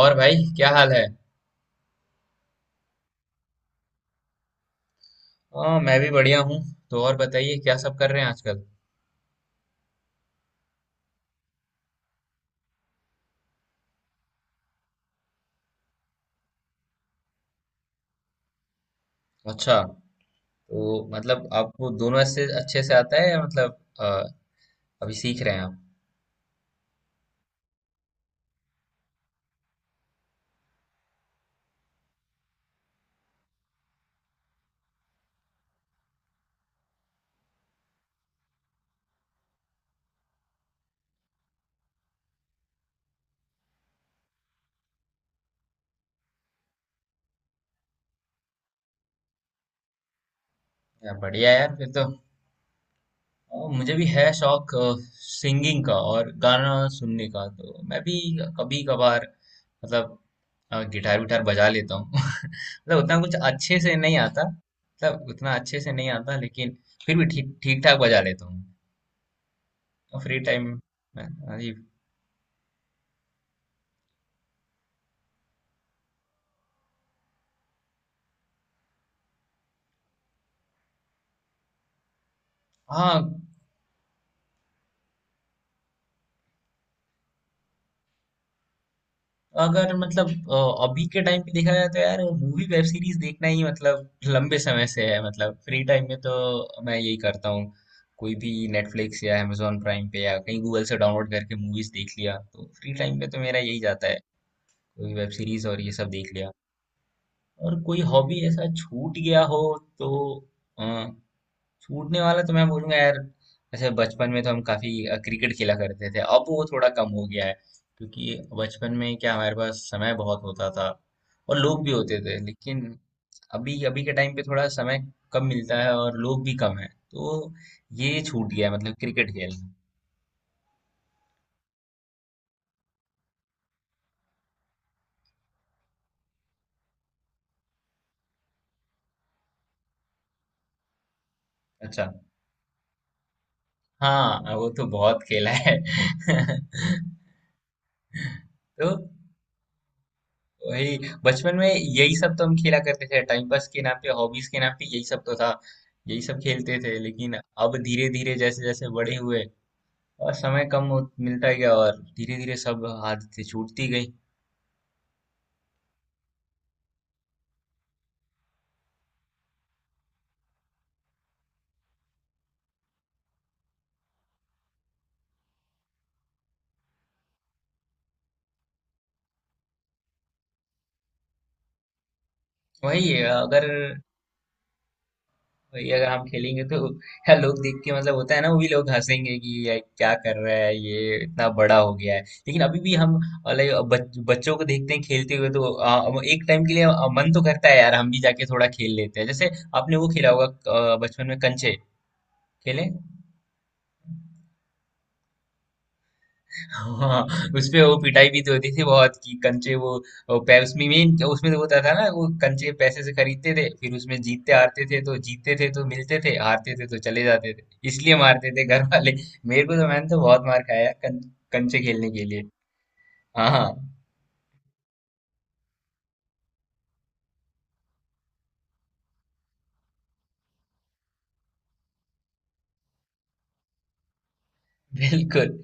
और भाई क्या हाल है। हाँ, मैं भी बढ़िया हूँ। तो और बताइए क्या सब कर रहे हैं आजकल। अच्छा। तो मतलब आपको दोनों से अच्छे से आता है, या मतलब अभी सीख रहे हैं आप। यार बढ़िया यार फिर तो। मुझे भी है शौक सिंगिंग का और गाना सुनने का, तो मैं भी कभी कभार मतलब गिटार विटार बजा लेता हूँ मतलब उतना कुछ अच्छे से नहीं आता। मतलब उतना अच्छे से नहीं आता, लेकिन फिर भी ठीक ठीक ठाक बजा लेता हूँ। तो फ्री टाइम में। हाँ जी। हाँ, अगर मतलब अभी के टाइम पे देखा जाए तो यार मूवी वेब सीरीज देखना ही मतलब लंबे समय से है, मतलब फ्री टाइम में तो मैं यही करता हूँ। कोई भी नेटफ्लिक्स या amazon प्राइम पे या कहीं गूगल से डाउनलोड करके मूवीज देख लिया, तो फ्री टाइम पे तो मेरा यही जाता है। कोई वेब सीरीज और ये सब देख लिया। और कोई हॉबी ऐसा छूट गया हो तो। छूटने वाला तो मैं बोलूंगा यार, ऐसे बचपन में तो हम काफी क्रिकेट खेला करते थे, अब वो थोड़ा कम हो गया है। क्योंकि बचपन में क्या, हमारे पास समय बहुत होता था और लोग भी होते थे, लेकिन अभी अभी के टाइम पे थोड़ा समय कम मिलता है और लोग भी कम है, तो ये छूट गया है, मतलब क्रिकेट खेलना। अच्छा। हाँ, वो तो बहुत खेला है। तो वही, बचपन में यही सब तो हम खेला करते थे, टाइम पास के नाम पे, हॉबीज के नाम पे यही सब तो था। यही सब खेलते थे, लेकिन अब धीरे धीरे, जैसे जैसे बड़े हुए और समय कम मिलता गया, और धीरे धीरे सब आदतें छूटती गई। वही है, अगर वही अगर हम खेलेंगे तो यार, लोग देख के मतलब होता है ना, वो भी लोग हंसेंगे कि ये क्या कर रहा है, ये इतना बड़ा हो गया है, लेकिन अभी भी हम लाइक बच्चों को देखते हैं खेलते हुए, तो एक टाइम के लिए मन तो करता है यार, हम भी जाके थोड़ा खेल लेते हैं। जैसे आपने वो खेला होगा बचपन में कंचे खेले। हाँ, उसपे वो पिटाई भी तो होती थी बहुत, कि कंचे वो उसमें मेन, उसमें तो होता था ना, वो कंचे पैसे से खरीदते थे, फिर उसमें जीतते हारते थे, तो जीतते थे तो मिलते थे, हारते थे तो चले जाते थे। इसलिए मारते थे घर वाले। मेरे को तो मैंने तो बहुत मार खाया है कंचे खेलने के लिए। हाँ, हाँ। बिल्कुल।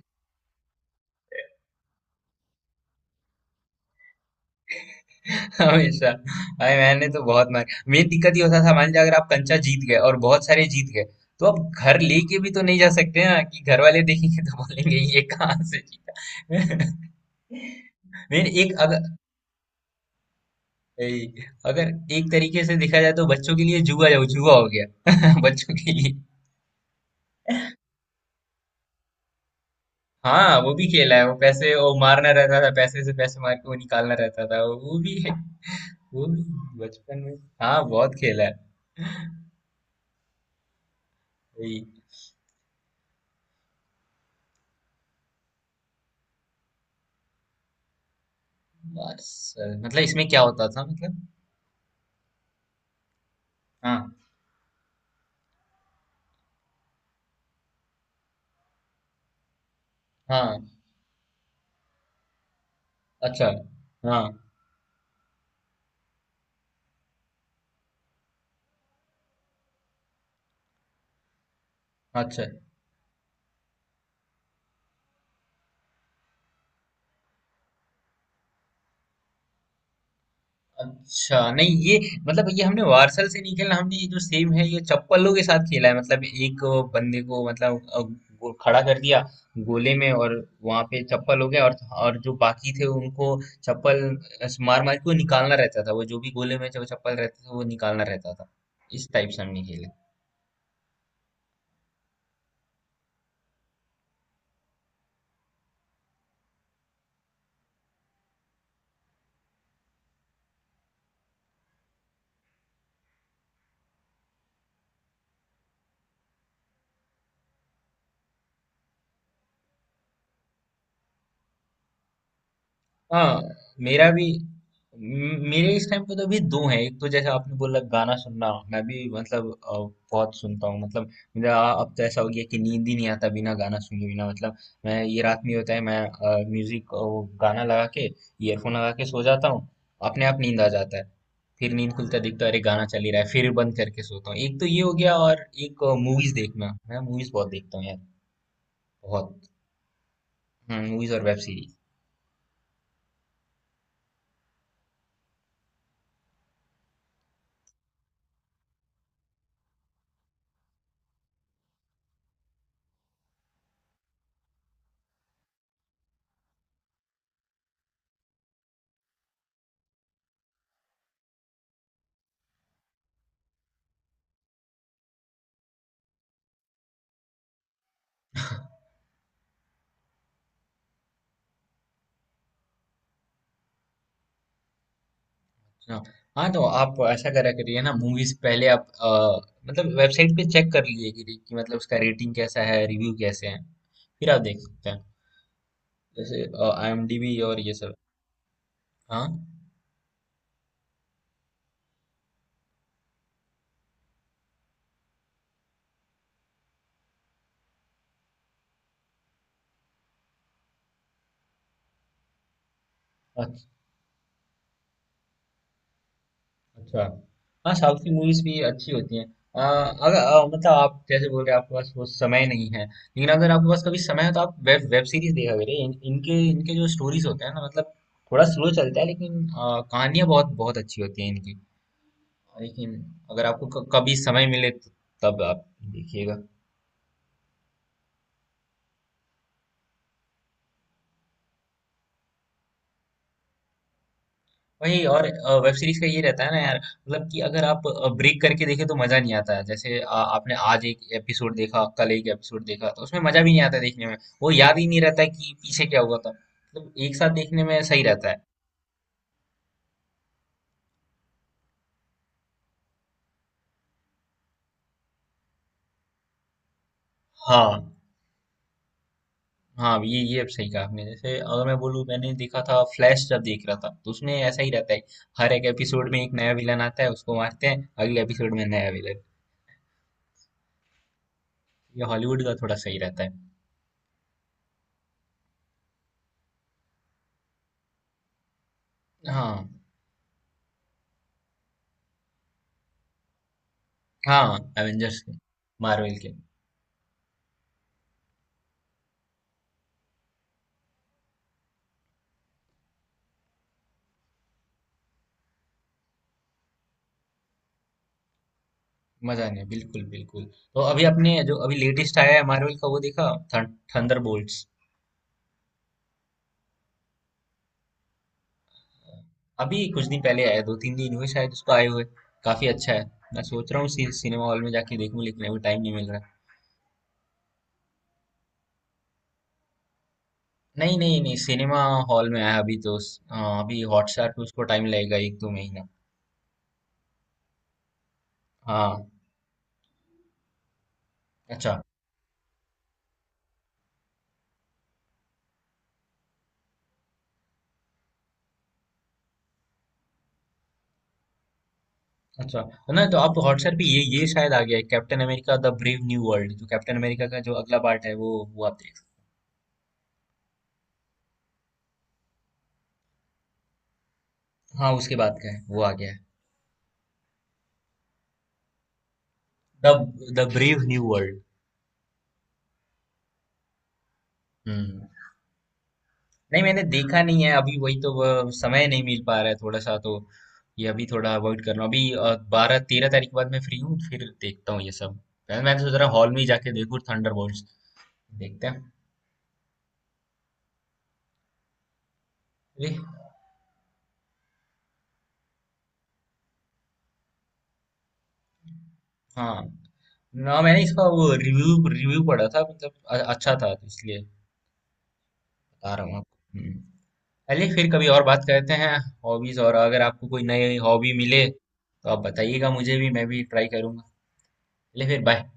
हमेशा, अरे मैंने तो बहुत मार। मेन दिक्कत ये होता था, मान लीजिए अगर आप कंचा जीत गए और बहुत सारे जीत गए, तो आप घर लेके भी तो नहीं जा सकते ना, कि घर वाले देखेंगे तो बोलेंगे ये कहाँ से जीता। मेन एक अगर ए- अगर एक तरीके से देखा जाए तो बच्चों के लिए जुआ हो गया बच्चों के लिए। हाँ, वो भी खेला है, वो पैसे वो मारना रहता था, पैसे से पैसे मार के वो निकालना रहता था, वो भी है। वो भी बचपन में। हाँ, बहुत खेला है। वही। बस मतलब इसमें क्या होता था मतलब। हाँ, हाँ। अच्छा। हाँ। अच्छा। अच्छा नहीं, ये मतलब ये हमने वार्सल से नहीं खेला, हमने ये जो सेम है ये चप्पलों के साथ खेला है, मतलब एक बंदे को मतलब खड़ा कर दिया गोले में, और वहां पे चप्पल हो गया, और जो बाकी थे उनको चप्पल मार मार के वो निकालना रहता था, वो जो भी गोले में जो चप्पल रहते थे वो निकालना रहता था। इस टाइप से हमने खेला। हाँ, मेरा भी मेरे इस टाइम पे तो अभी दो हैं, एक तो जैसे आपने बोला गाना सुनना, मैं भी मतलब बहुत सुनता हूँ मतलब। मेरा अब तो ऐसा हो गया कि नींद ही नहीं आता बिना गाना सुने बिना, मतलब मैं ये रात में होता है मैं म्यूजिक वो गाना लगा के, ईयरफोन लगा के सो जाता हूँ। अपने आप नींद आ जाता है। फिर नींद खुलता दिखता है, अरे गाना चल ही रहा है, फिर बंद करके सोता हूँ। एक तो ये हो गया और एक मूवीज देखना, मैं मूवीज बहुत देखता हूँ यार। बहुत। मूवीज और वेब सीरीज। हाँ, हाँ, तो आप ऐसा करा करिए ना, मूवीज पहले आप मतलब वेबसाइट पे चेक कर लीजिए कि मतलब उसका रेटिंग कैसा है, रिव्यू कैसे हैं, फिर आप देख सकते हैं, जैसे आईएमडीबी और ये सब। हाँ, अच्छा, अच्छा। हाँ, साउथ की मूवीज भी अच्छी होती हैं। अगर मतलब आप जैसे बोल रहे हैं, आपके पास वो समय नहीं है, लेकिन अगर आपके पास कभी समय है तो आप वेब वेब सीरीज देखा करिए, इन, इनके इनके जो स्टोरीज होते हैं ना मतलब, थोड़ा स्लो चलता है, लेकिन कहानियाँ बहुत बहुत अच्छी होती हैं इनकी। लेकिन अगर आपको कभी समय मिले तो तब आप देखिएगा। वही, और वेब सीरीज का ये रहता है ना यार, मतलब कि अगर आप ब्रेक करके देखे तो मजा नहीं आता है, जैसे आपने आज एक एपिसोड देखा, कल एक एपिसोड देखा, तो उसमें मजा भी नहीं आता देखने में। वो याद ही नहीं रहता है कि पीछे क्या हुआ था, मतलब एक साथ देखने में सही रहता है। हाँ, हाँ, ये अब सही कहा आपने, जैसे अगर मैं बोलूँ, मैंने देखा था फ्लैश, जब देख रहा था तो उसमें ऐसा ही रहता है। हर एक एपिसोड में एक नया विलन आता है, उसको मारते हैं, अगले एपिसोड में नया विलन। ये हॉलीवुड का थोड़ा सही रहता है। हाँ, हाँ, एवेंजर्स के, मार्वल के। मजा नहीं, बिल्कुल बिल्कुल। तो अभी आपने जो अभी लेटेस्ट आया है मार्वल का वो देखा, थंडर बोल्ट्स। अभी कुछ दिन पहले आया, 2-3 दिन हुए शायद उसको आए हुए। काफी अच्छा है। मैं सोच रहा हूँ सिनेमा हॉल में जाके देखूं, लेकिन अभी टाइम नहीं मिल रहा। नहीं, नहीं, नहीं, सिनेमा हॉल में आया अभी तो हाँ, अभी हॉटस्टार पे उसको टाइम लगेगा 1-2 महीना। हाँ, अच्छा, अच्छा। तो ना, तो आप हॉटस्टार पे ये शायद आ गया है, captain America the brave new world, जो कैप्टन अमेरिका का जो अगला पार्ट है, वो आप। हाँ, उसके बाद का है, वो आ गया है। The the brave new world. हम्म। नहीं, मैंने देखा नहीं है अभी, वही तो वह समय नहीं मिल पा रहा है थोड़ा सा तो, ये अभी थोड़ा अवॉइड कर रहा हूँ, अभी 12-13 तारीख के बाद मैं फ्री हूँ, फिर देखता हूँ ये सब। मैंने मैंने सोच रहा हॉल में ही जाके देखूँ थंडरबोल्ट्स। देखते हैं। अरे, हाँ, ना मैंने इसका वो रिव्यू रिव्यू पढ़ा था, मतलब अच्छा था तो इसलिए बता रहा हूँ आपको। हम्म। चलिए, फिर कभी और बात करते हैं हॉबीज, और अगर आपको कोई नई हॉबी मिले तो आप बताइएगा मुझे भी, मैं भी ट्राई करूंगा। चलिए फिर, बाय।